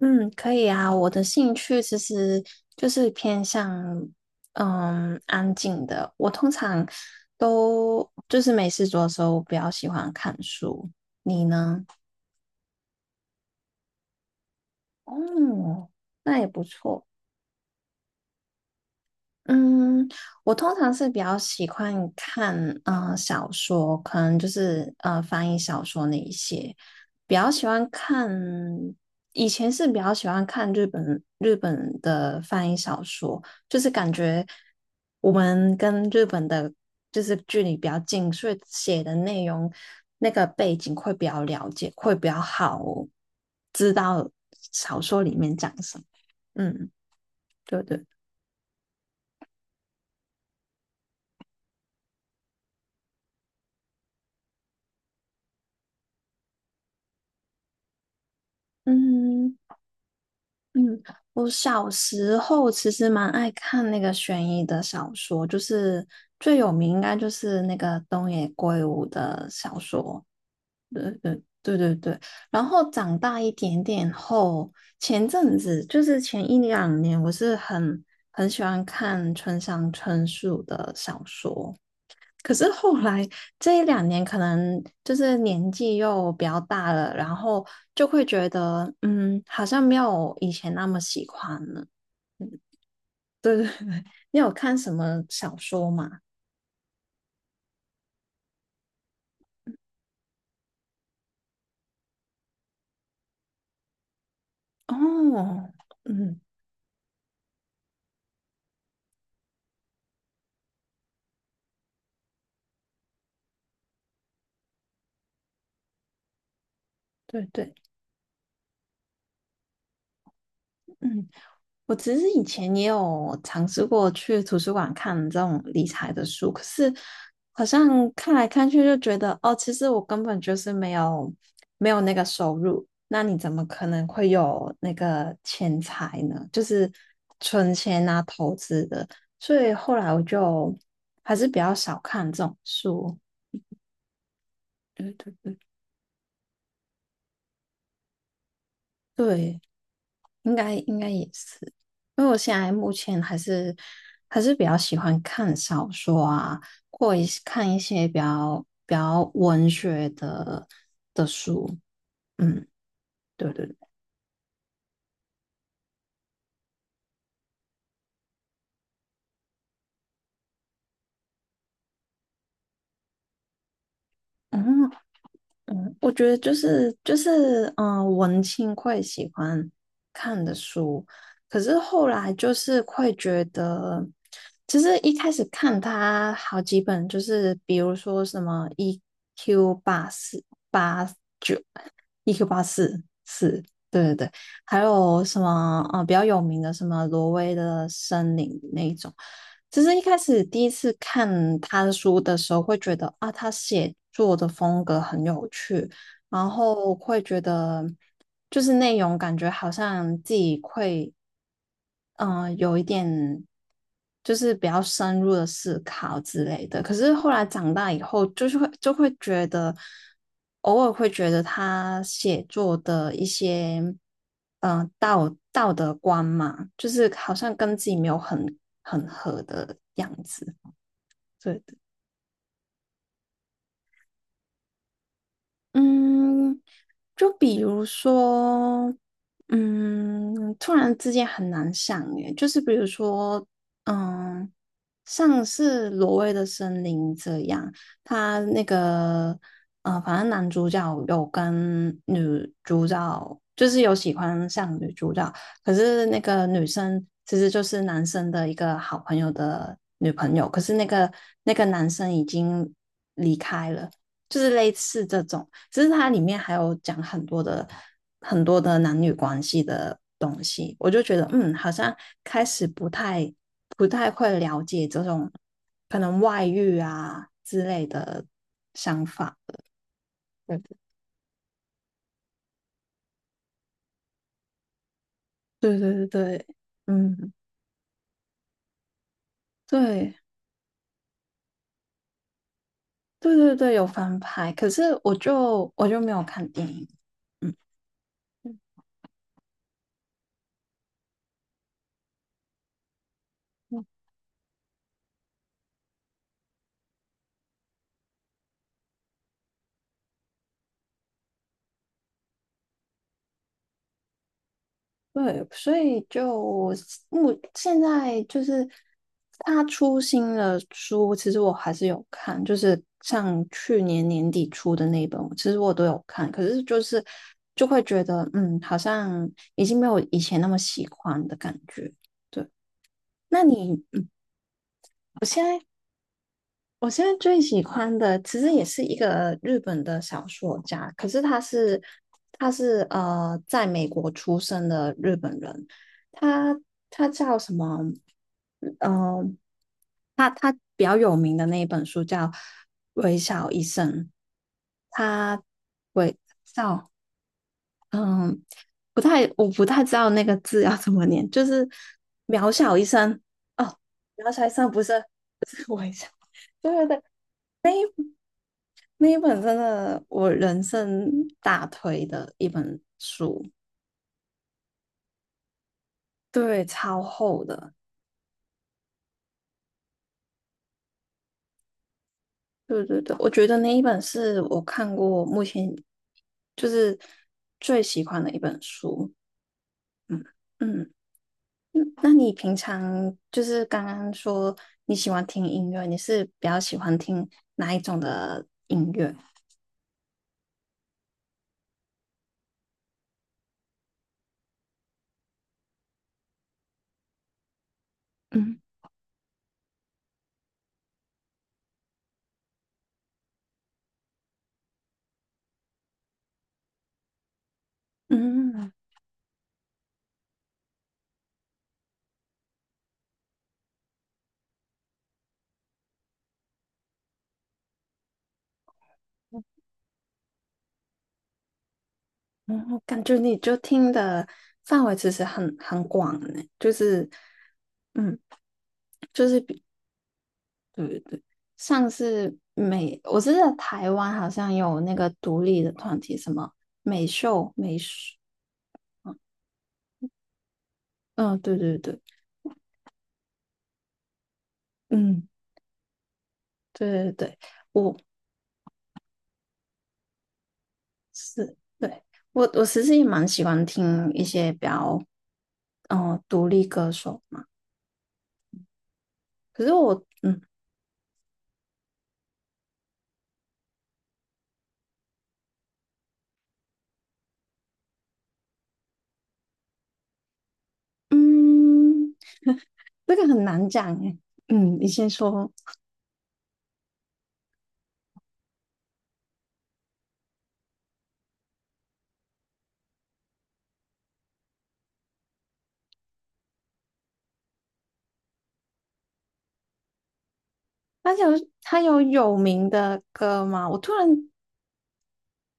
嗯，可以啊。我的兴趣其实就是偏向安静的。我通常都就是没事做的时候，比较喜欢看书。你呢？哦，那也不错。嗯，我通常是比较喜欢看小说，可能就是翻译小说那一些，比较喜欢看。以前是比较喜欢看日本的翻译小说，就是感觉我们跟日本的就是距离比较近，所以写的内容那个背景会比较了解，会比较好知道小说里面讲什么。嗯，对对，嗯。嗯，我小时候其实蛮爱看那个悬疑的小说，就是最有名应该就是那个东野圭吾的小说，对对对对对。然后长大一点点后，前阵子就是前一两年，我是很喜欢看村上春树的小说。可是后来这一两年，可能就是年纪又比较大了，然后就会觉得，嗯，好像没有以前那么喜欢了。对对对，你有看什么小说吗？哦，嗯，对对，嗯。我其实以前也有尝试过去图书馆看这种理财的书，可是好像看来看去就觉得，哦，其实我根本就是没有那个收入，那你怎么可能会有那个钱财呢？就是存钱啊、投资的，所以后来我就还是比较少看这种书。对对对对。应该也是，因为我现在目前还是比较喜欢看小说啊，或一些看一些比较文学的书。嗯，对对对，嗯嗯，我觉得就是文青会喜欢看的书，可是后来就是会觉得，其实一开始看它好几本，就是比如说什么 EQ 八四。EQ 84是，对对对，还有什么啊？比较有名的什么挪威的森林那一种。其实一开始第一次看他的书的时候，会觉得啊，他写作的风格很有趣，然后会觉得就是内容感觉好像自己会有一点就是比较深入的思考之类的。可是后来长大以后，就是会就会觉得，偶尔会觉得他写作的一些道德观嘛，就是好像跟自己没有很合的样子。对，嗯，就比如说，嗯，突然之间很难想耶，就是比如说，嗯，像是《挪威的森林》这样，他那个，呃，反正男主角有跟女主角，就是有喜欢上女主角，可是那个女生其实就是男生的一个好朋友的女朋友，可是那个男生已经离开了。就是类似这种，只是它里面还有讲很多的男女关系的东西，我就觉得嗯，好像开始不太会了解这种可能外遇啊之类的想法。对对对对对，嗯，对对对对，有翻拍，可是我就没有看电影。嗯对，所以就现在就是他出新的书，其实我还是有看，就是像去年年底出的那一本，其实我都有看，可是就是嗯嗯，好像已经没有以前那么喜欢的感觉。对，那你嗯我现在最喜欢的其实也是一个日本的小说家，可是他是在美国出生的日本人，他他叫什么？嗯、他比较有名的那一本书叫《微笑医生》，他微笑，嗯，不太，我不太知道那个字要怎么念，就是渺小医生哦，渺小医生不是微笑，对对对，那一本真的我人生大推的一本书，对，超厚的。对对对，我觉得那一本是我看过目前就是最喜欢的一本书。嗯嗯，那你平常就是刚刚说你喜欢听音乐，你是比较喜欢听哪一种的？嗯嗯嗯，我感觉你就听的范围其实很广呢，就是嗯，就是像是我知道台湾好像有那个独立的团体，什么美秀、美术，嗯，对对对，嗯，对对对，我是对我其实也蛮喜欢听一些比较独立歌手嘛，可是我嗯，这个很难讲诶，嗯，你先说，他有有名的歌吗？我突然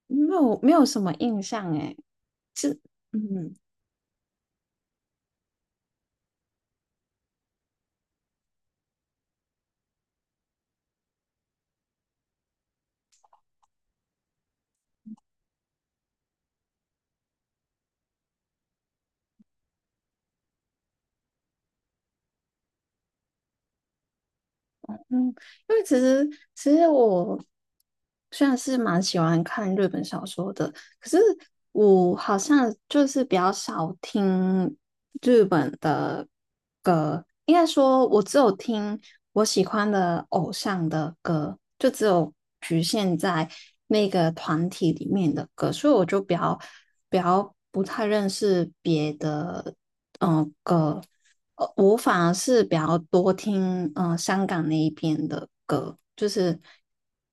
没有什么印象诶，是嗯。嗯，因为其实我虽然是蛮喜欢看日本小说的，可是我好像就是比较少听日本的歌，应该说我只有听我喜欢的偶像的歌，就只有局限在那个团体里面的歌，所以我就比较不太认识别的嗯，歌，呃，我反而是比较多听嗯香港那一边的歌，就是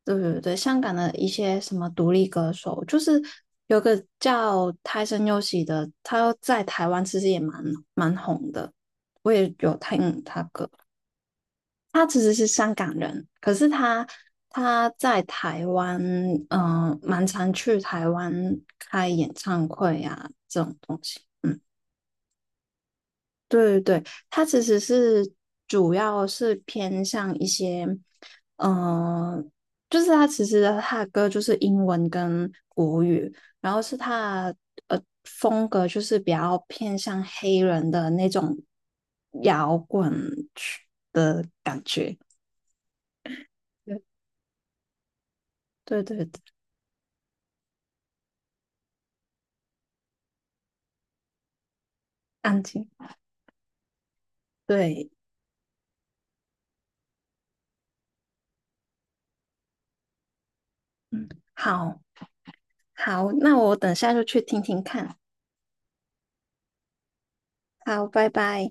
对对对，香港的一些什么独立歌手，就是有个叫泰森优喜的，他在台湾其实也蛮红的，我也有听他歌。他其实是香港人，可是他在台湾，蛮常去台湾开演唱会啊这种东西，嗯。对对对，它其实是主要是偏向一些，嗯，就是它其实它的歌就是英文跟国语，然后是它的风格就是比较偏向黑人的那种摇滚曲的感觉。对对对，对安静。对，嗯，好好，那我等下就去听听看。好，拜拜。